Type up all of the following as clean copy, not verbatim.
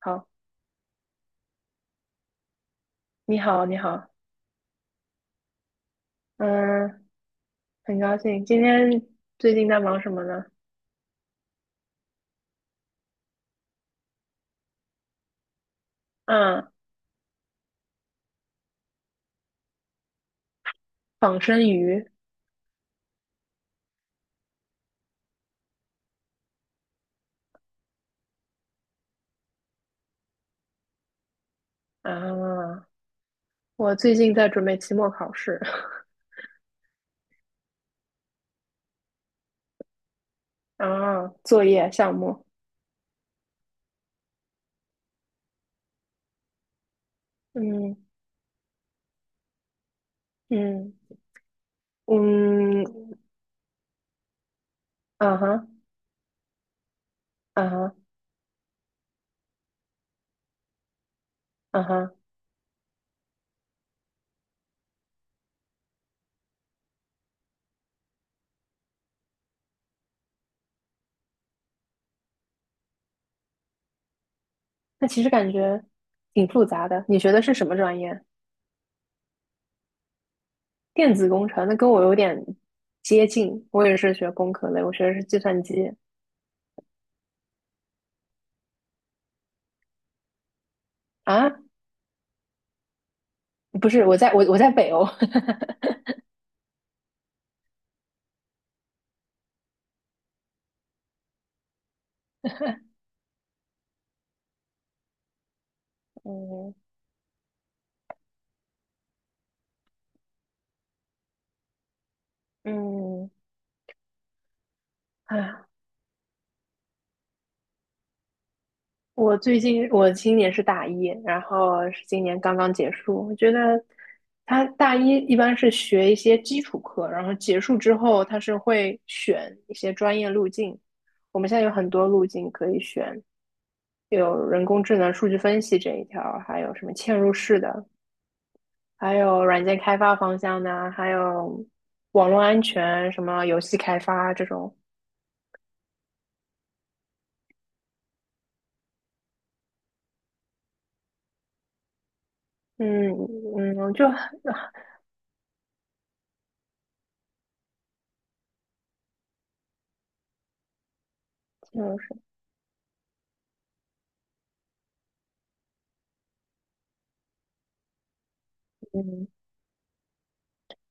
好，你好，你好。嗯，很高兴。今天最近在忙什么呢？嗯，仿生鱼啊，我最近在准备期末考试。 啊，作业项目。嗯。嗯嗯。啊哈。啊哈。啊哈。那其实感觉挺复杂的。你学的是什么专业？电子工程，那跟我有点接近。我也是学工科类，我学的是计算机。啊，不是，我在北欧。嗯嗯。啊。我最近我今年是大一，然后是今年刚刚结束。我觉得他大一一般是学一些基础课，然后结束之后他是会选一些专业路径。我们现在有很多路径可以选，有人工智能、数据分析这一条，还有什么嵌入式的，还有软件开发方向的，还有网络安全、什么游戏开发这种。嗯嗯，就很嵌入式，嗯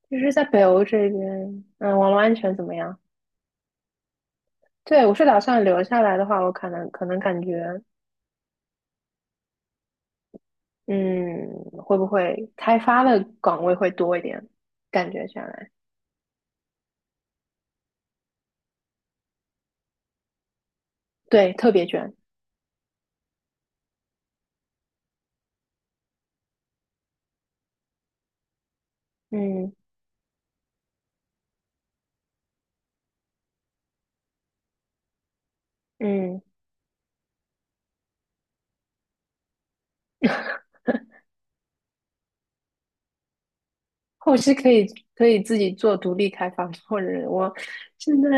就是在北欧这边，嗯，网络安全怎么样？对，我是打算留下来的话，我可能感觉，嗯，会不会开发的岗位会多一点？感觉下来，对，特别卷，嗯嗯，后期可以自己做独立开发，或者我现在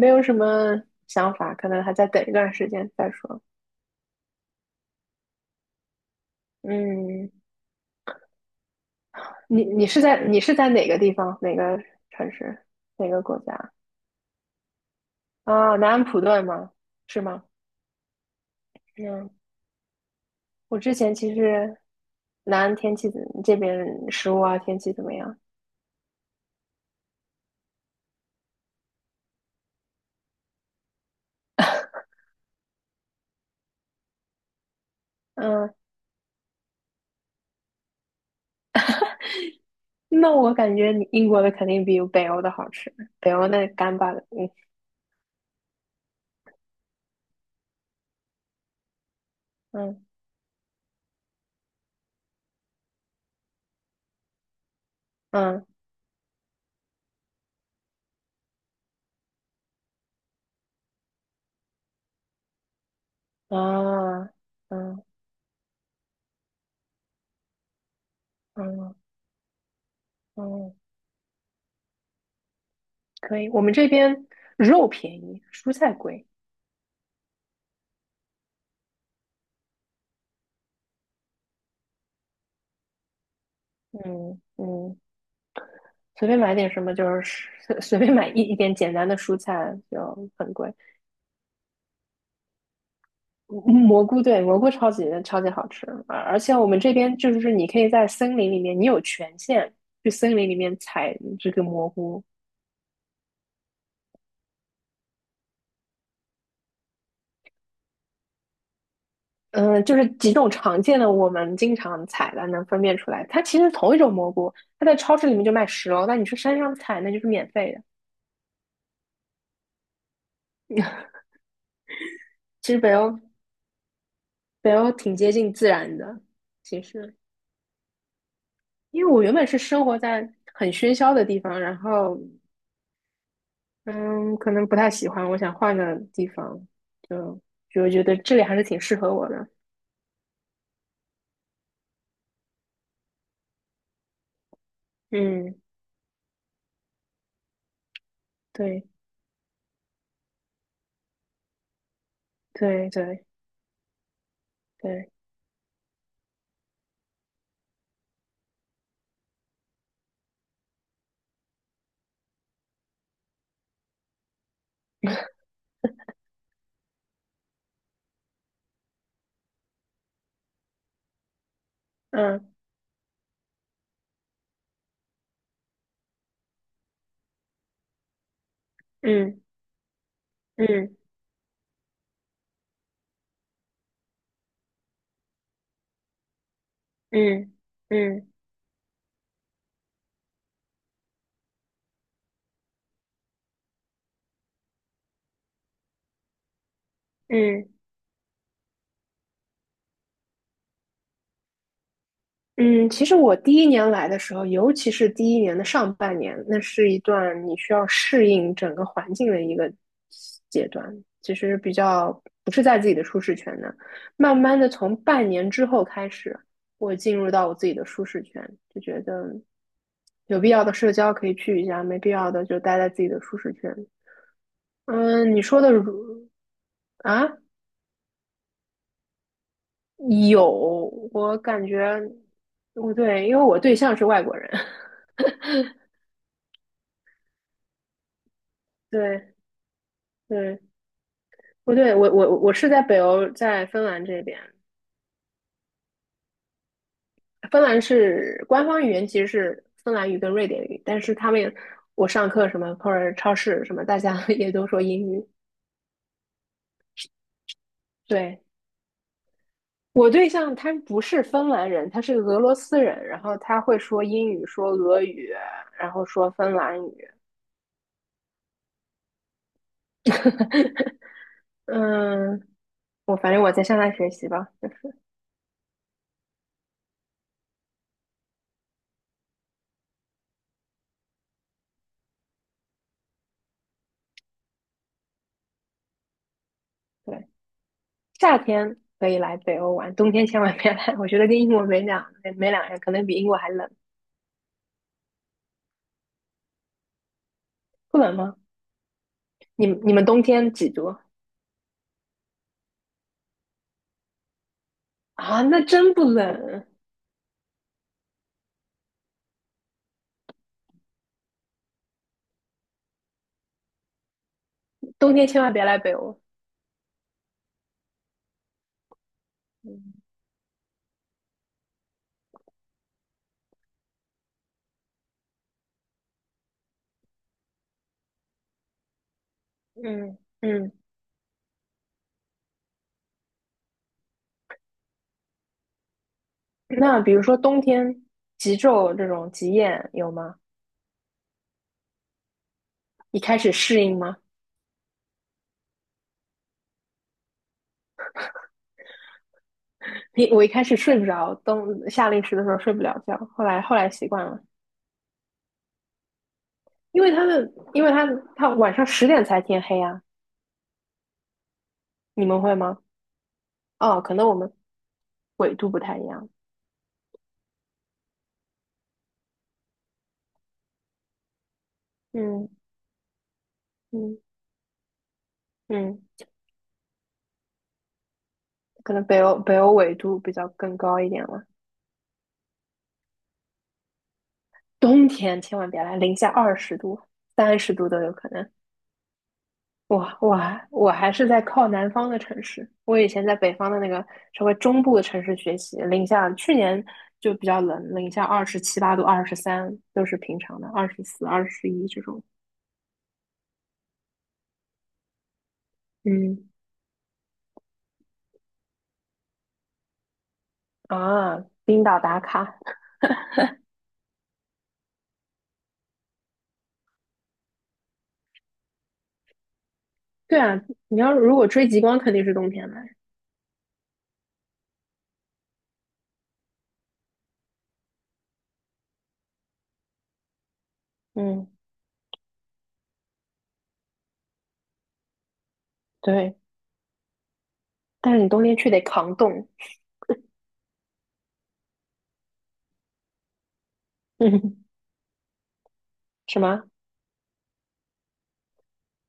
没有什么想法，可能还在等一段时间再说。嗯，你是在哪个地方？哪个城市？哪个国家？啊，南安普顿吗？是吗？嗯，我之前其实南安天气怎这边食物啊，天气怎么样？嗯，那我感觉你英国的肯定比北欧的好吃，北欧那干巴的。嗯。嗯嗯。啊。嗯嗯嗯。可以。我们这边肉便宜，蔬菜贵。嗯嗯，随便买点什么就是随便买一点简单的蔬菜就很贵。蘑菇对蘑菇超级超级好吃，而且我们这边就是你可以在森林里面，你有权限去森林里面采这个蘑菇。嗯，就是几种常见的我们经常采的能分辨出来，它其实同一种蘑菇，它在超市里面就卖10欧，但你去山上采那就是免费的。其实北欧挺接近自然的，其实因为我原本是生活在很喧嚣的地方，然后嗯，可能不太喜欢，我想换个地方，就就我觉得这里还是挺适合我的。嗯。对对对对。嗯嗯嗯嗯嗯嗯嗯。其实我第一年来的时候，尤其是第一年的上半年，那是一段你需要适应整个环境的一个阶段，其实比较不是在自己的舒适圈的。慢慢的，从半年之后开始，我进入到我自己的舒适圈，就觉得有必要的社交可以去一下，没必要的就待在自己的舒适圈。嗯，你说的如啊，有，我感觉不对，因为我对象是外国人。对对。不对，我是在北欧，在芬兰这边。芬兰是官方语言其实是芬兰语跟瑞典语，但是他们也我上课什么或者超市什么，大家 也都说英语。对。我对象他不是芬兰人，他是俄罗斯人，然后他会说英语、说俄语，然后说芬兰语。嗯，我反正我在向他学习吧。对，夏天可以来北欧玩，冬天千万别来，我觉得跟英国没两没没两样，可能比英国还冷。不冷吗？你们你们冬天几度啊？那真不冷，冬天千万别来北欧。嗯嗯，嗯。那比如说冬天极昼这种极夜有吗？你开始适应吗？我一开始睡不着，冬夏令时的时候睡不了觉，后来习惯了，因为他晚上10点才天黑啊，你们会吗？哦，可能我们纬度不太一样。嗯嗯嗯，可能北欧纬度比较更高一点了。冬天千万别来，零下20度、30度都有可能。我我还我还是在靠南方的城市，我以前在北方的那个稍微中部的城市学习，零下去年就比较冷，零下27、8度、23都是平常的，24、21这种。嗯。啊，冰岛打卡，对啊，你要如果追极光肯定是冬天来，嗯对，但是你冬天去得扛冻。嗯，什么？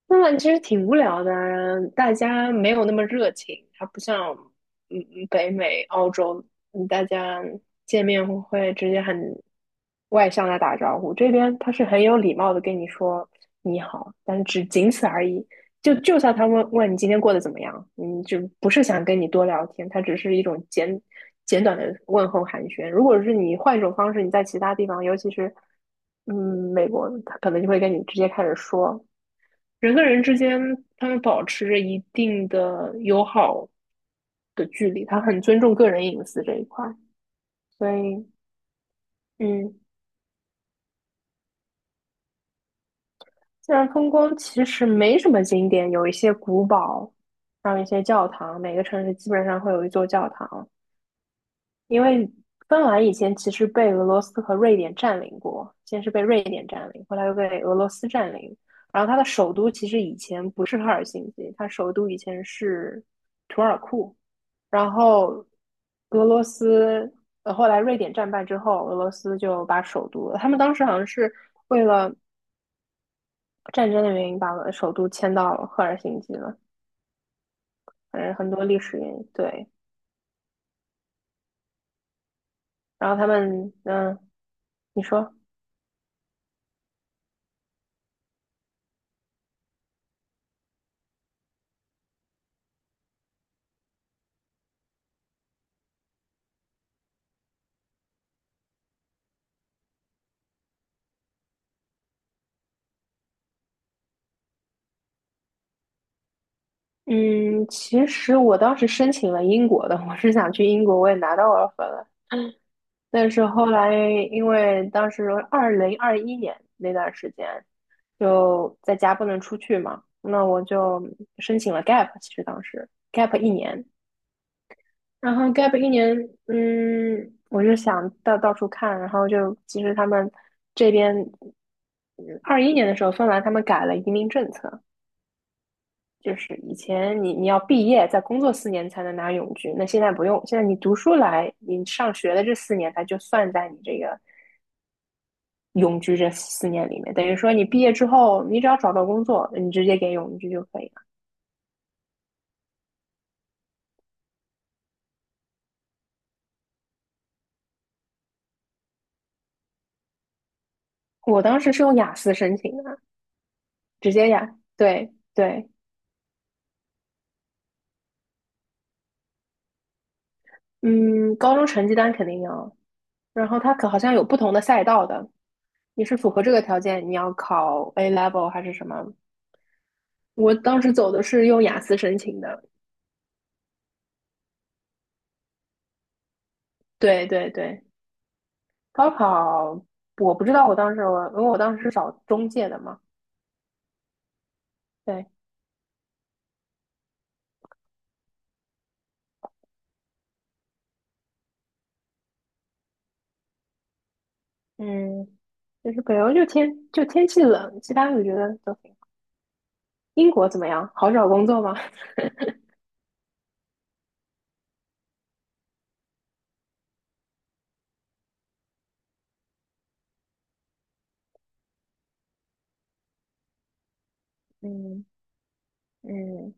那其实挺无聊的，大家没有那么热情，它不像嗯嗯北美、澳洲，嗯大家见面会直接很外向的打招呼。这边他是很有礼貌的跟你说你好，但是只仅此而已。就就算他问问你今天过得怎么样，嗯，就不是想跟你多聊天，他只是一种简短的问候寒暄。如果是你换一种方式，你在其他地方，尤其是嗯美国，他可能就会跟你直接开始说。人跟人之间，他们保持着一定的友好的距离，他很尊重个人隐私这一块，所以，嗯，自然风光其实没什么景点，有一些古堡，还有一些教堂，每个城市基本上会有一座教堂，因为芬兰以前其实被俄罗斯和瑞典占领过，先是被瑞典占领，后来又被俄罗斯占领，然后它的首都其实以前不是赫尔辛基，它首都以前是图尔库。然后俄罗斯，后来瑞典战败之后，俄罗斯就把首都，他们当时好像是为了战争的原因，把首都迁到赫尔辛基了，反正很多历史原因。对，然后他们，嗯，你说，嗯，其实我当时申请了英国的，我是想去英国，我也拿到 offer 了，但是后来，因为当时2021年那段时间，就在家不能出去嘛，那我就申请了 gap。其实当时 gap 一年，然后 gap 一年，嗯，我就想到到处看，然后就其实他们这边二一年的时候，芬兰他们改了移民政策，就是以前你你要毕业再工作四年才能拿永居，那现在不用，现在你读书来，你上学的这四年它就算在你这个永居这四年里面，等于说你毕业之后，你只要找到工作，你直接给永居就可以了。我当时是用雅思申请的，直接雅，对对，嗯，高中成绩单肯定要，然后它可好像有不同的赛道的，你是符合这个条件，你要考 A level 还是什么？我当时走的是用雅思申请的，对对对，高考我不知道，我当时我因为我当时是找中介的嘛，对，嗯，就是北欧就天就天气冷，其他我觉得都英国怎么样？好找工作吗？嗯嗯。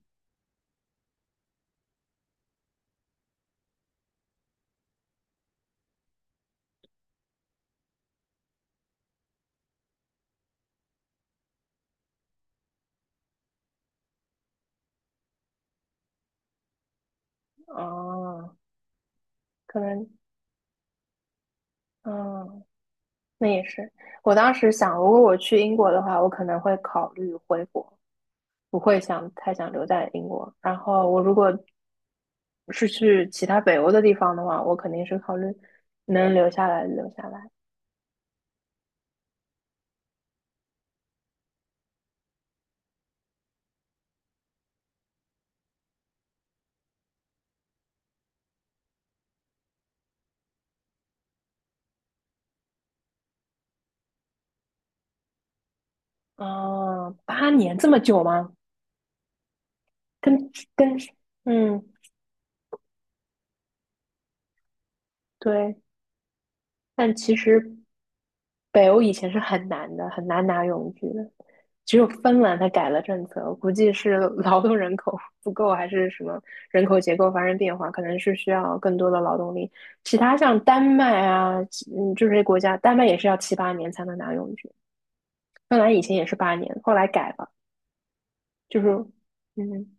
哦。可能。嗯。那也是。我当时想，如果我去英国的话，我可能会考虑回国，不会想太想留在英国。然后我如果是去其他北欧的地方的话，我肯定是考虑能留下来留下来。哦，八年这么久吗？跟跟，嗯，对。但其实北欧以前是很难的，很难拿永居的，只有芬兰它改了政策，我估计是劳动人口不够，还是什么人口结构发生变化，可能是需要更多的劳动力。其他像丹麦啊，就嗯，这些国家，丹麦也是要7、8年才能拿永居，芬兰以前也是八年，后来改了，就是嗯，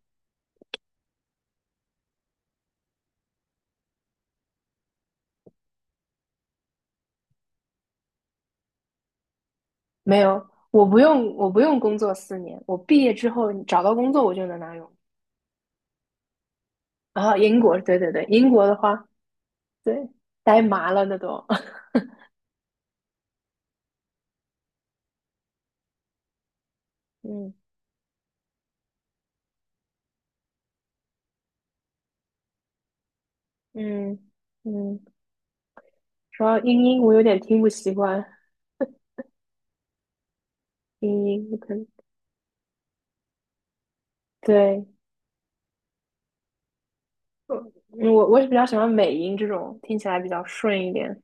没有，我不用，我不用工作四年，我毕业之后找到工作我就能拿永居，然后英国，对对对，英国的话，对，呆麻了那都。嗯。嗯嗯，主要英音我有点听不习惯，英音不可能，对，我我是比较喜欢美音这种，听起来比较顺一点，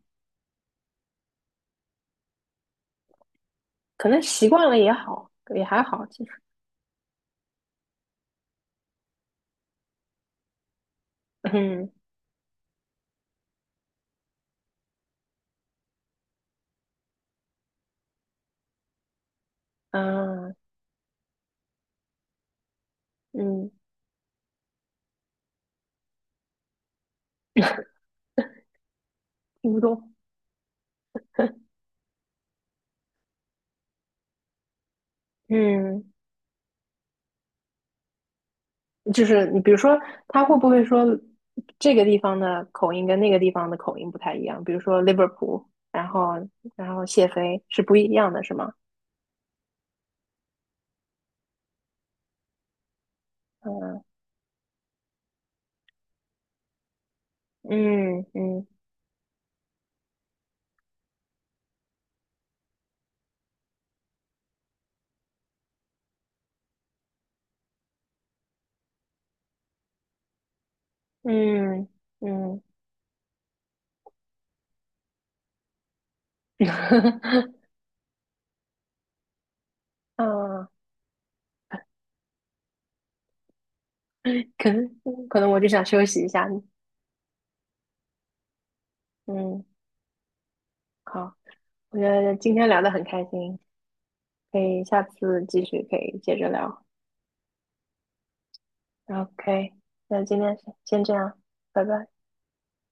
可能习惯了也好，也还好其实。嗯嗯嗯，听不懂。嗯，就是你比如说，他会不会说这个地方的口音跟那个地方的口音不太一样？比如说 Liverpool，然后然后谢飞是不一样的，是吗？嗯嗯嗯嗯嗯。嗯，可能可能我就想休息一下。嗯，好，我觉得今天聊得很开心，可以下次继续可以接着聊。OK，那今天先这样，拜拜。